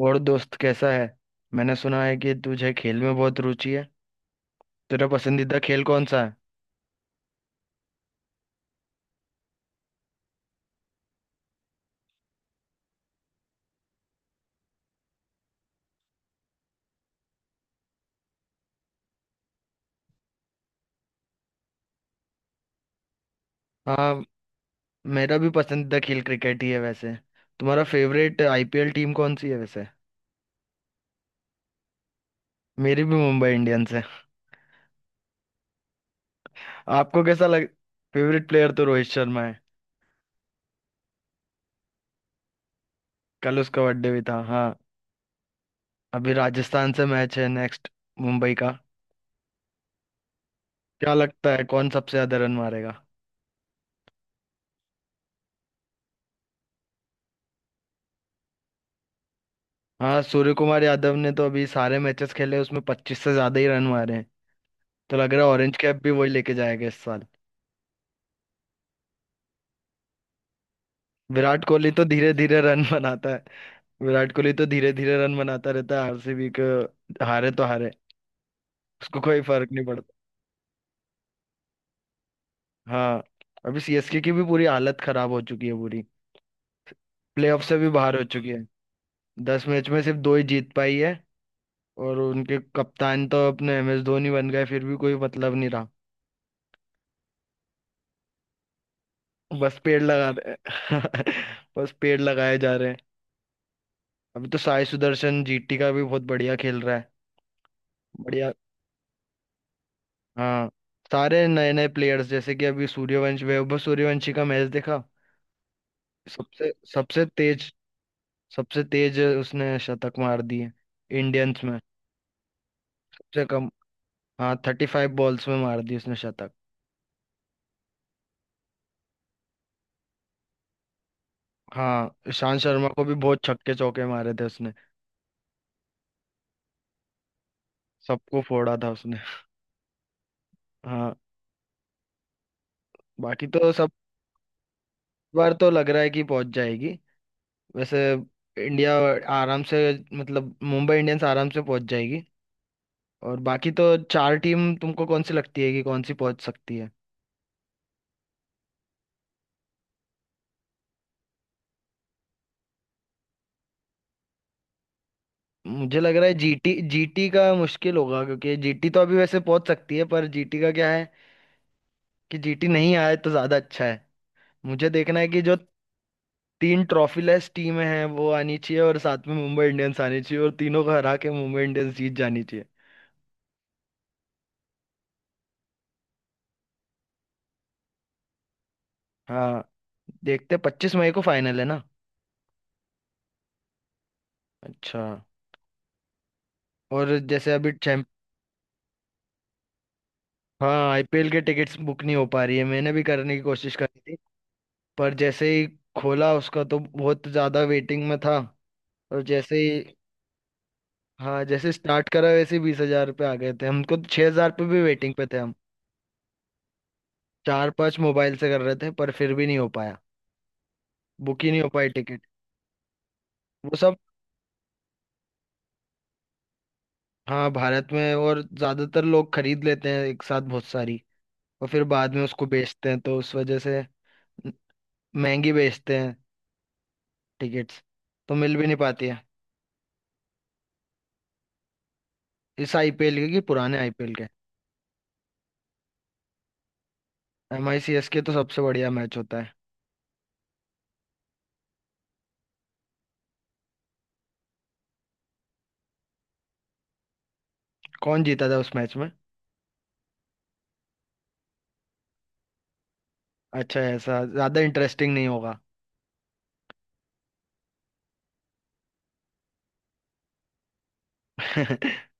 और दोस्त कैसा है? मैंने सुना है कि तुझे खेल में बहुत रुचि है। तेरा पसंदीदा खेल कौन सा है? हाँ, मेरा भी पसंदीदा खेल क्रिकेट ही है वैसे। तुम्हारा फेवरेट आईपीएल टीम कौन सी है वैसे? मेरी भी मुंबई इंडियंस है। आपको कैसा लग। फेवरेट प्लेयर तो रोहित शर्मा है। कल उसका बर्थडे भी था। हाँ। अभी राजस्थान से मैच है नेक्स्ट, मुंबई का। क्या लगता है कौन सबसे ज्यादा रन मारेगा? हाँ, सूर्य कुमार यादव ने तो अभी सारे मैचेस खेले, उसमें 25 से ज्यादा ही रन मारे हैं। तो लग रहा है ऑरेंज कैप भी वही लेके जाएगा इस साल। विराट कोहली तो धीरे धीरे रन बनाता है। विराट कोहली तो धीरे धीरे रन बनाता रहता है आरसीबी को। हारे तो हारे। उसको कोई फर्क नहीं पड़ता। हाँ, अभी सीएसके की भी पूरी हालत खराब हो चुकी है, पूरी। प्लेऑफ से भी बाहर हो चुकी है। 10 मैच में सिर्फ दो ही जीत पाई है। और उनके कप्तान तो अपने एम एस धोनी बन गए, फिर भी कोई मतलब नहीं रहा। बस पेड़ लगा रहे हैं। बस पेड़ लगाए जा रहे हैं। अभी तो साई सुदर्शन जीटी का भी बहुत बढ़िया खेल रहा है। बढ़िया। हाँ, सारे नए नए प्लेयर्स, जैसे कि अभी सूर्यवंशी, वैभव सूर्यवंशी का मैच देखा। सबसे सबसे तेज, सबसे तेज उसने शतक मार दिए इंडियंस में। सबसे कम। हाँ, 35 बॉल्स में मार दी उसने शतक। हाँ, ईशांत शर्मा को भी बहुत छक्के चौके मारे थे उसने। सबको फोड़ा था उसने। हाँ। बाकी तो सब, बार तो लग रहा है कि पहुंच जाएगी वैसे। इंडिया आराम से, मतलब मुंबई इंडियंस आराम से पहुंच जाएगी। और बाकी तो चार टीम तुमको कौन सी लगती है कि कौन सी पहुंच सकती है? मुझे लग रहा है जीटी, जीटी का मुश्किल होगा, क्योंकि जीटी तो अभी वैसे पहुंच सकती है, पर जीटी का क्या है कि जीटी नहीं आए तो ज्यादा अच्छा है। मुझे देखना है कि जो तीन ट्रॉफी लेस टीमें हैं वो आनी चाहिए, और साथ में मुंबई इंडियंस आनी चाहिए, और तीनों को हरा के मुंबई इंडियंस जीत जानी चाहिए। हाँ। देखते 25 मई को फाइनल है ना। अच्छा। और जैसे अभी चैंप। हाँ, आईपीएल के टिकट्स बुक नहीं हो पा रही है, मैंने भी करने की कोशिश करी थी, पर जैसे ही खोला उसका तो बहुत ज्यादा वेटिंग में था। और जैसे ही, हाँ, जैसे स्टार्ट करा वैसे 20,000 पे आ गए थे, हमको तो 6,000 पे भी वेटिंग पे थे हम। चार पांच मोबाइल से कर रहे थे, पर फिर भी नहीं हो पाया। बुक ही नहीं हो पाई टिकट। वो सब। हाँ, भारत में, और ज्यादातर लोग खरीद लेते हैं एक साथ बहुत सारी, और फिर बाद में उसको बेचते हैं, तो उस वजह से महंगी बेचते हैं। टिकट्स तो मिल भी नहीं पाती है। इस आईपीएल के कि पुराने आईपीएल के। एम आई सी एस के तो सबसे बढ़िया मैच होता है। कौन जीता था उस मैच में? अच्छा, ऐसा ज्यादा इंटरेस्टिंग नहीं होगा।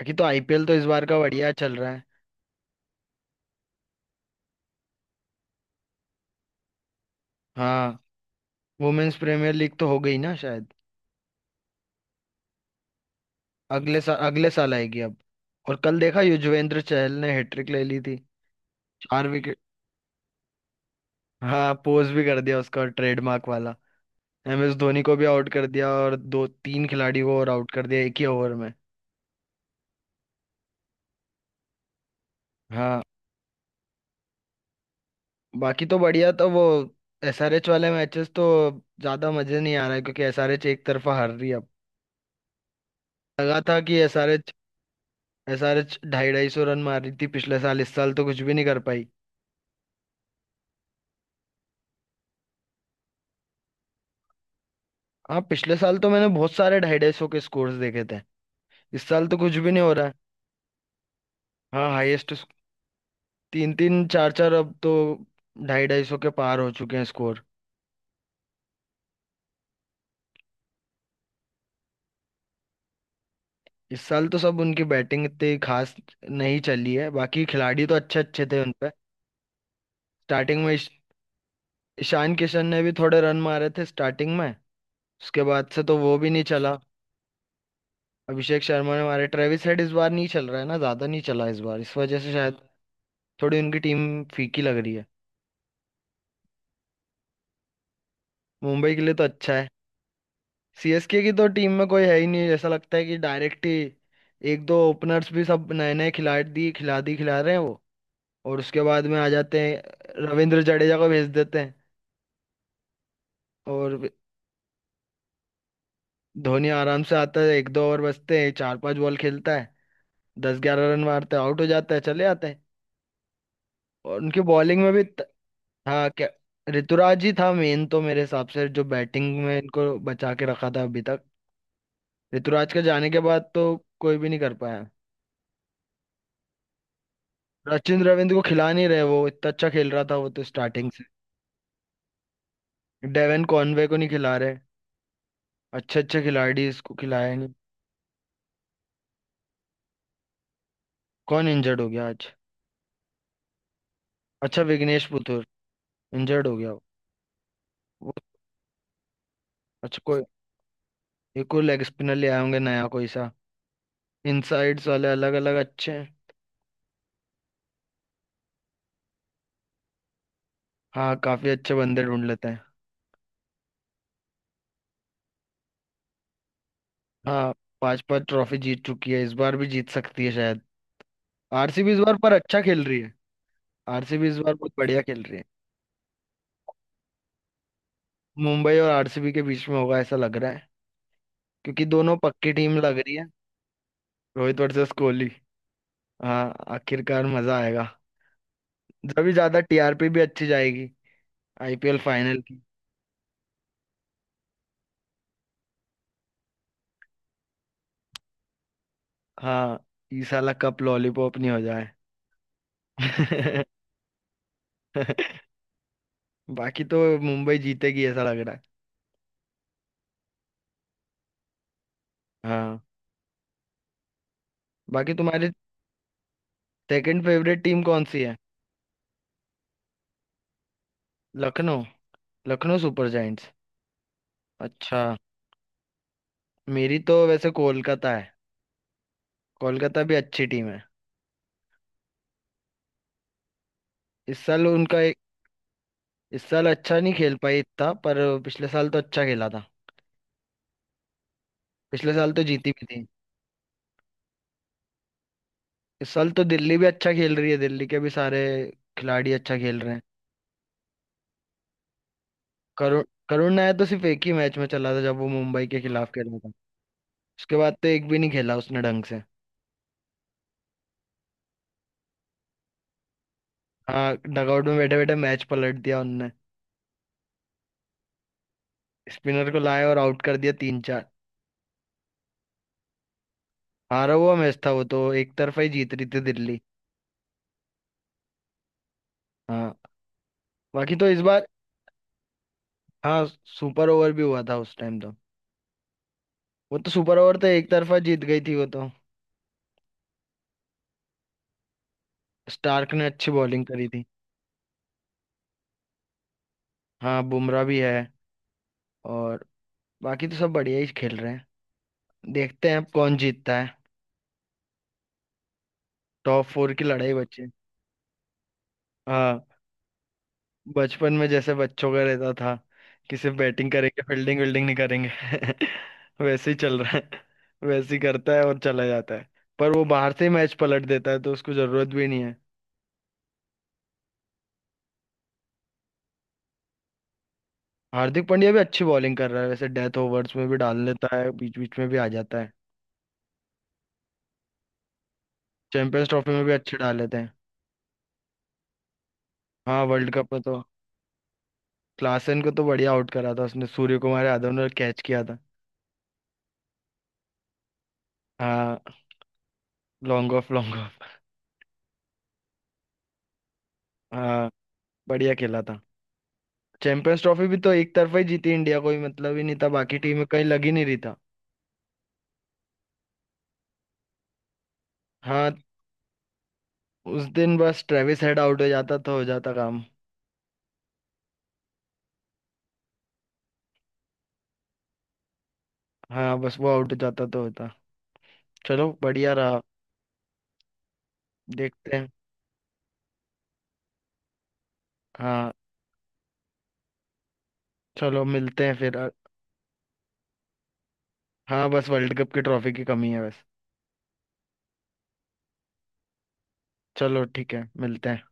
बाकी तो आईपीएल तो इस बार का बढ़िया चल रहा है। हाँ। वुमेन्स प्रीमियर लीग तो हो गई ना शायद। अगले साल, अगले साल आएगी अब। और कल देखा युजवेंद्र चहल ने हैट्रिक ले ली थी। चार विकेट। हाँ, पोज भी कर दिया उसका ट्रेडमार्क वाला। एम एस धोनी को भी आउट कर दिया, और दो तीन खिलाड़ी को और आउट कर दिया एक ही ओवर में। हाँ। बाकी तो बढ़िया, तो वो एसआरएच वाले मैचेस तो ज्यादा मजे नहीं आ रहा है, क्योंकि एसआरएच एक तरफा हार रही है अब। लगा था कि एसआरएच एसआरएच ढाई ढाई सौ रन मार रही थी पिछले साल, इस साल तो कुछ भी नहीं कर पाई। हाँ, पिछले साल तो मैंने बहुत सारे ढाई ढाई सौ के स्कोर्स देखे थे। इस साल तो कुछ भी नहीं हो रहा है। हाँ, हाईएस्ट, तीन तीन चार चार अब तो ढाई ढाई सौ के पार हो चुके हैं स्कोर। इस साल तो सब उनकी बैटिंग इतनी खास नहीं चली है, बाकी खिलाड़ी तो अच्छे अच्छे थे उनपे। स्टार्टिंग में ईशान किशन ने भी थोड़े रन मारे थे स्टार्टिंग में। उसके बाद से तो वो भी नहीं चला। अभिषेक शर्मा ने मारे, ट्रेविस हेड इस बार नहीं चल रहा है ना, ज्यादा नहीं चला इस बार, इस वजह से शायद थोड़ी उनकी टीम फीकी लग रही है। मुंबई के लिए तो अच्छा है। सीएसके की तो टीम में कोई है ही नहीं, ऐसा लगता है कि डायरेक्ट ही एक दो ओपनर्स भी सब नए नए खिला रहे हैं वो, और उसके बाद में आ जाते हैं रविंद्र जडेजा को भेज देते हैं। और धोनी आराम से आता है, एक दो ओवर बचते हैं, चार पांच बॉल खेलता है, दस ग्यारह रन मारता है, आउट हो जाता है, चले आते हैं। और उनकी बॉलिंग में भी हाँ क्या। ऋतुराज ही था मेन तो मेरे हिसाब से, जो बैटिंग में इनको बचा के रखा था अभी तक। ऋतुराज के जाने के बाद तो कोई भी नहीं कर पाया। सचिन रविंद्र को खिला नहीं रहे, वो इतना अच्छा खेल रहा था वो तो स्टार्टिंग से। डेवन कॉनवे को नहीं खिला रहे। अच्छे अच्छे खिलाड़ी इसको खिलाया नहीं। कौन इंजर्ड हो गया आज? अच्छा, विघ्नेश पुथुर इंजर्ड हो गया वो। अच्छा कोई, ये कोई लेग स्पिनर ले आए होंगे नया कोई सा। इनसाइड्स वाले अलग अलग अच्छे हैं। हाँ, काफी अच्छे बंदे ढूंढ लेते हैं। हाँ, पांच पांच ट्रॉफी जीत चुकी है, इस बार भी जीत सकती है शायद। आरसीबी इस बार पर अच्छा खेल रही है। आरसीबी इस बार बहुत बढ़िया खेल रही है। मुंबई और आरसीबी के बीच में होगा ऐसा लग रहा है, क्योंकि दोनों पक्की टीम लग रही है। रोहित वर्सेस कोहली। हाँ, आखिरकार मजा आएगा, जब ज्यादा टीआरपी भी अच्छी जाएगी आईपीएल फाइनल की। हाँ, इस साला कप लॉलीपॉप नहीं हो जाए। बाकी तो मुंबई जीतेगी ऐसा लग रहा है। हाँ। बाकी तुम्हारी सेकंड फेवरेट टीम कौन सी है? Lucknow, Lucknow Super Giants. अच्छा, मेरी तो वैसे कोलकाता है। कोलकाता भी अच्छी टीम है। इस साल उनका एक, इस साल अच्छा नहीं खेल पाई इतना पर। पिछले साल तो अच्छा खेला था। पिछले साल तो जीती भी। इस साल तो दिल्ली भी अच्छा खेल रही है, दिल्ली के भी सारे खिलाड़ी अच्छा खेल रहे हैं। करुण करुण नायर तो सिर्फ एक ही मैच में चला था, जब वो मुंबई के खिलाफ खेला था। उसके बाद तो एक भी नहीं खेला उसने ढंग से। हाँ, डगआउट में बैठे बैठे मैच पलट दिया उनने। स्पिनर को लाए और आउट कर दिया तीन चार। हारा हुआ मैच था, वो तो एक तरफा ही जीत रही थी दिल्ली। हाँ। बाकी तो इस बार, हाँ, सुपर ओवर भी हुआ था उस टाइम तो। वो तो सुपर ओवर तो एक तरफा जीत गई थी वो तो। स्टार्क ने अच्छी बॉलिंग करी थी। हाँ, बुमराह भी है। और बाकी तो सब बढ़िया ही खेल रहे हैं। देखते हैं अब कौन जीतता है। टॉप फोर की लड़ाई बची। हाँ, बचपन में जैसे बच्चों का रहता था कि सिर्फ बैटिंग करेंगे, फील्डिंग विल्डिंग नहीं करेंगे। वैसे ही चल रहा है। वैसे ही करता है और चला जाता है। पर वो बाहर से ही मैच पलट देता है, तो उसको जरूरत भी नहीं है। हार्दिक पांड्या भी अच्छी बॉलिंग कर रहा है वैसे, डेथ ओवर्स में भी डाल लेता है, बीच बीच में भी आ जाता है। चैंपियंस ट्रॉफी में भी अच्छे डाल लेते हैं। हाँ, वर्ल्ड कप में तो क्लासन को तो बढ़िया आउट करा था उसने, सूर्य कुमार यादव ने कैच किया था। हाँ, लॉन्ग ऑफ, लॉन्ग ऑफ। हाँ। बढ़िया खेला था। चैंपियंस ट्रॉफी भी तो एक तरफा ही जीती इंडिया, कोई मतलब ही नहीं था, बाकी टीम में कहीं लग ही नहीं रही था। हाँ, उस दिन बस ट्रेविस हेड आउट हो जाता तो हो जाता काम। हाँ, बस वो आउट हो जाता तो होता। चलो, बढ़िया रहा। देखते हैं। हाँ, चलो मिलते हैं फिर। हाँ, बस वर्ल्ड कप की ट्रॉफी की कमी है बस। चलो, ठीक है, मिलते हैं।